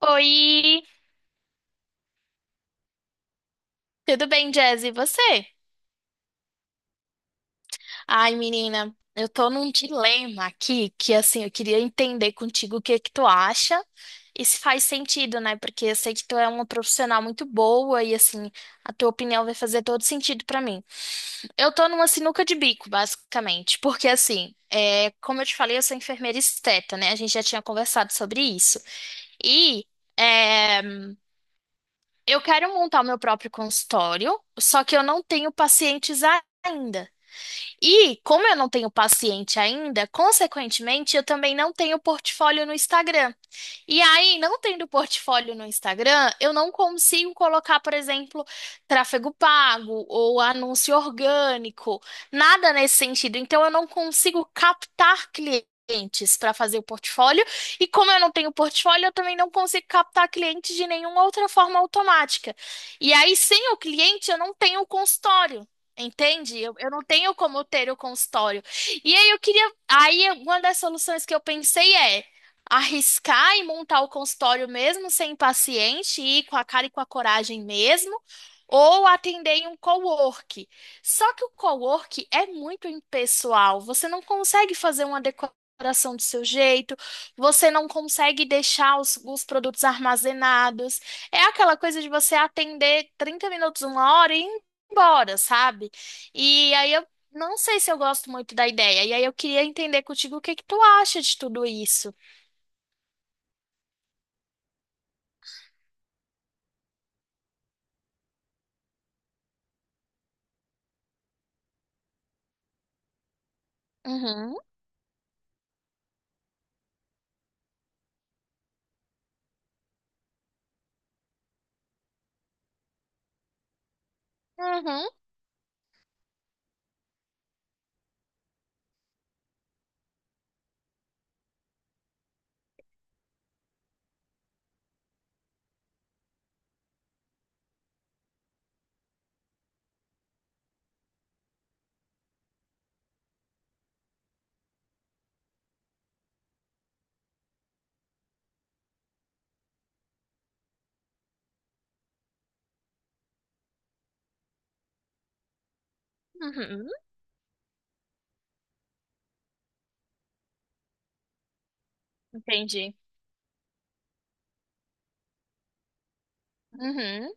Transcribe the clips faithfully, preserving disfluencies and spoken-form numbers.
Oi, tudo bem, Jazz? E você? Ai, menina, eu tô num dilema aqui que, assim, eu queria entender contigo o que que tu acha e se faz sentido, né? Porque eu sei que tu é uma profissional muito boa e, assim, a tua opinião vai fazer todo sentido pra mim. Eu tô numa sinuca de bico, basicamente, porque, assim, é, como eu te falei, eu sou enfermeira esteta, né? A gente já tinha conversado sobre isso. E. é, Eu quero montar o meu próprio consultório, só que eu não tenho pacientes ainda. E, como eu não tenho paciente ainda, consequentemente, eu também não tenho portfólio no Instagram. E aí, não tendo portfólio no Instagram, eu não consigo colocar, por exemplo, tráfego pago ou anúncio orgânico, nada nesse sentido. Então, eu não consigo captar clientes para fazer o portfólio. E como eu não tenho portfólio, eu também não consigo captar clientes de nenhuma outra forma automática. E aí, sem o cliente, eu não tenho o consultório. Entende? Eu, eu não tenho como ter o consultório. E aí eu queria. Aí uma das soluções que eu pensei é arriscar e montar o consultório mesmo sem paciente, ir com a cara e com a coragem mesmo, ou atender em um cowork. Só que o cowork é muito impessoal, você não consegue fazer uma decoração do seu jeito, você não consegue deixar os, os produtos armazenados. É aquela coisa de você atender trinta minutos, uma hora e ir embora, sabe? E aí eu não sei se eu gosto muito da ideia. E aí eu queria entender contigo o que que tu acha de tudo isso. Uhum. Uhum. Uhum. Entendi. Uhum.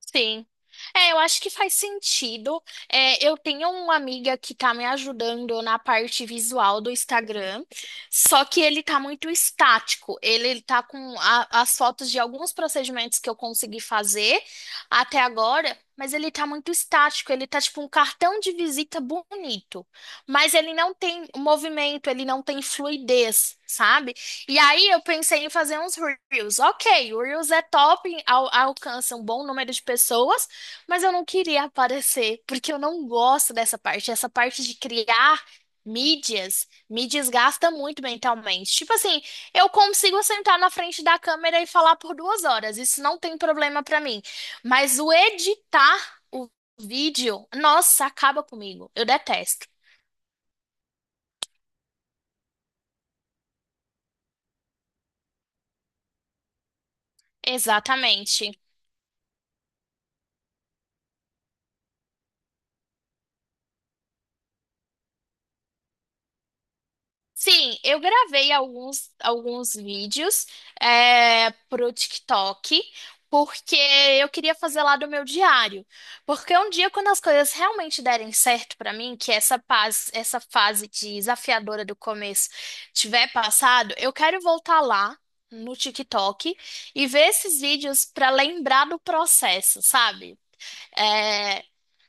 Sim. É, eu acho que faz sentido. É, eu tenho uma amiga que tá me ajudando na parte visual do Instagram, só que ele tá muito estático. Ele, ele tá com a- as fotos de alguns procedimentos que eu consegui fazer até agora, mas ele tá muito estático. Ele tá tipo um cartão de visita bonito, mas ele não tem movimento, ele não tem fluidez, sabe? E aí eu pensei em fazer uns Reels. Ok, o Reels é top, al- alcança um bom número de pessoas, mas eu não queria aparecer, porque eu não gosto dessa parte. Essa parte de criar mídias. Mídias gasta muito mentalmente. Tipo assim, eu consigo sentar na frente da câmera e falar por duas horas, isso não tem problema pra mim. Mas o editar o vídeo, nossa, acaba comigo. Eu detesto. Exatamente. Sim, eu gravei alguns, alguns vídeos é, pro TikTok, porque eu queria fazer lá do meu diário. Porque um dia, quando as coisas realmente derem certo pra mim, que essa paz, essa fase desafiadora do começo tiver passado, eu quero voltar lá no TikTok e ver esses vídeos pra lembrar do processo, sabe? É,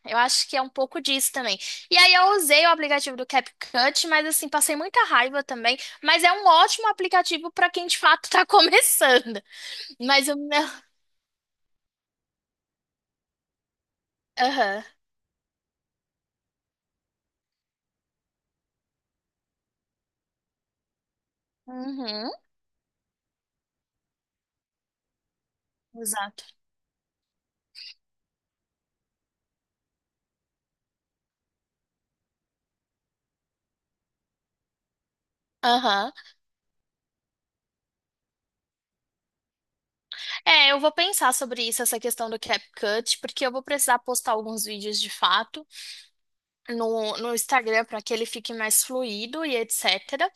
eu acho que é um pouco disso também. E aí eu usei o aplicativo do CapCut, mas assim, passei muita raiva também. Mas é um ótimo aplicativo para quem de fato tá começando. Mas o meu. Aham. Uhum. Exato. Aham. É, eu vou pensar sobre isso, essa questão do CapCut, porque eu vou precisar postar alguns vídeos de fato no, no Instagram para que ele fique mais fluido e et cetera.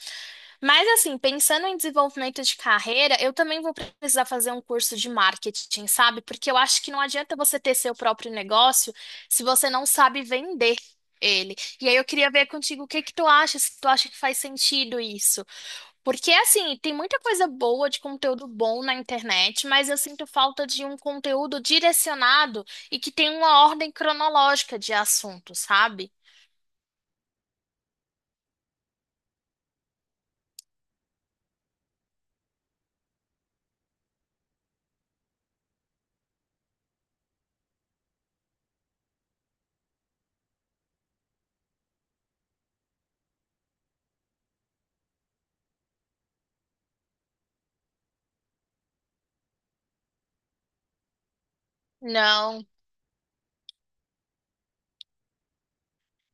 Mas assim, pensando em desenvolvimento de carreira, eu também vou precisar fazer um curso de marketing, sabe? Porque eu acho que não adianta você ter seu próprio negócio se você não sabe vender ele. E aí eu queria ver contigo o que que tu acha, se tu acha que faz sentido isso. Porque assim, tem muita coisa boa de conteúdo bom na internet, mas eu sinto falta de um conteúdo direcionado e que tem uma ordem cronológica de assuntos, sabe? Não.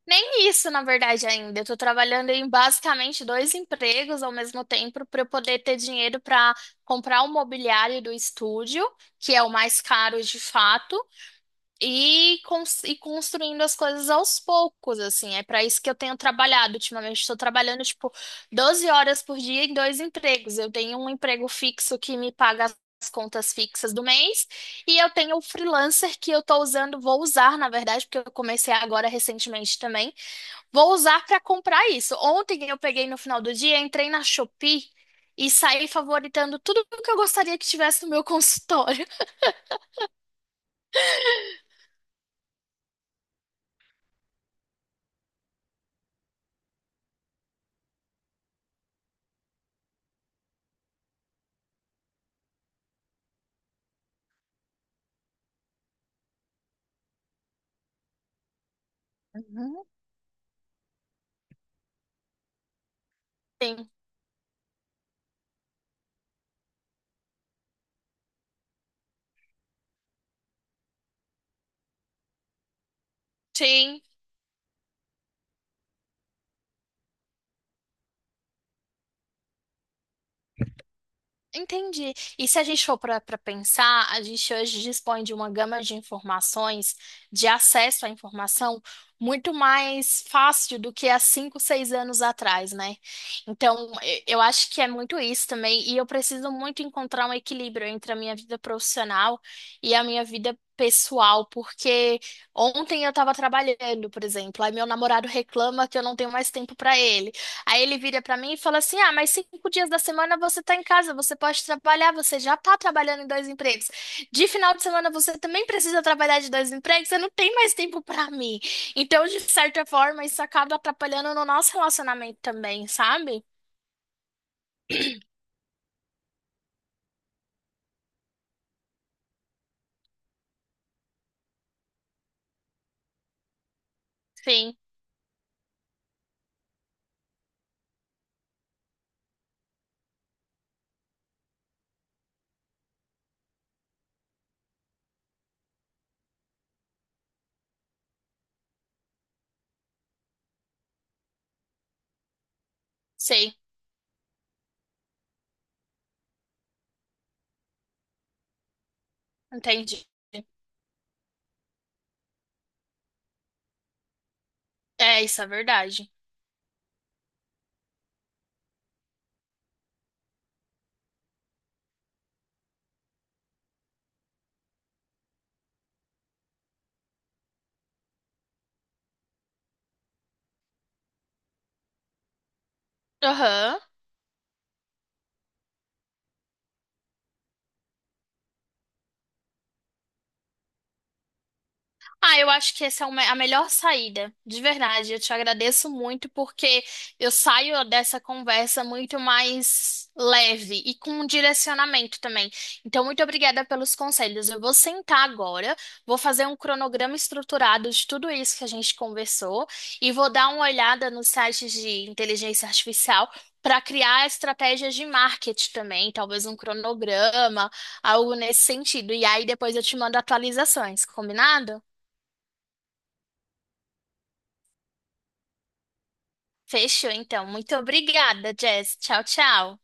Nem isso, na verdade, ainda. Eu tô trabalhando em basicamente dois empregos ao mesmo tempo para eu poder ter dinheiro para comprar o mobiliário do estúdio, que é o mais caro de fato, e, cons- e construindo as coisas aos poucos, assim. É para isso que eu tenho trabalhado ultimamente. Estou trabalhando, tipo, doze horas por dia em dois empregos. Eu tenho um emprego fixo que me paga as contas fixas do mês. E eu tenho o freelancer que eu tô usando, vou usar, na verdade, porque eu comecei agora recentemente também, vou usar para comprar isso. Ontem eu peguei no final do dia, entrei na Shopee e saí favoritando tudo o que eu gostaria que tivesse no meu consultório. Uhum. Sim. Sim. Entendi. E se a gente for para pensar, a gente hoje dispõe de uma gama de informações, de acesso à informação, muito mais fácil do que há cinco, seis anos atrás, né? Então, e- eu acho que é muito isso também, e eu preciso muito encontrar um equilíbrio entre a minha vida profissional e a minha vida pessoal, porque ontem eu estava trabalhando, por exemplo, aí meu namorado reclama que eu não tenho mais tempo para ele. Aí ele vira pra mim e fala assim: Ah, mas cinco dias da semana você tá em casa, você pode trabalhar, você já tá trabalhando em dois empregos. De final de semana você também precisa trabalhar de dois empregos, você não tem mais tempo pra mim. Então, de certa forma, isso acaba atrapalhando no nosso relacionamento também, sabe? Sim, sei, entendi. É, isso é verdade. Aham. Ah, eu acho que essa é uma- a melhor saída, de verdade. Eu te agradeço muito porque eu saio dessa conversa muito mais leve e com um direcionamento também. Então, muito obrigada pelos conselhos. Eu vou sentar agora, vou fazer um cronograma estruturado de tudo isso que a gente conversou e vou dar uma olhada nos sites de inteligência artificial para criar estratégias de marketing também, talvez um cronograma, algo nesse sentido. E aí depois eu te mando atualizações, combinado? Fechou, então. Muito obrigada, Jess. Tchau, tchau.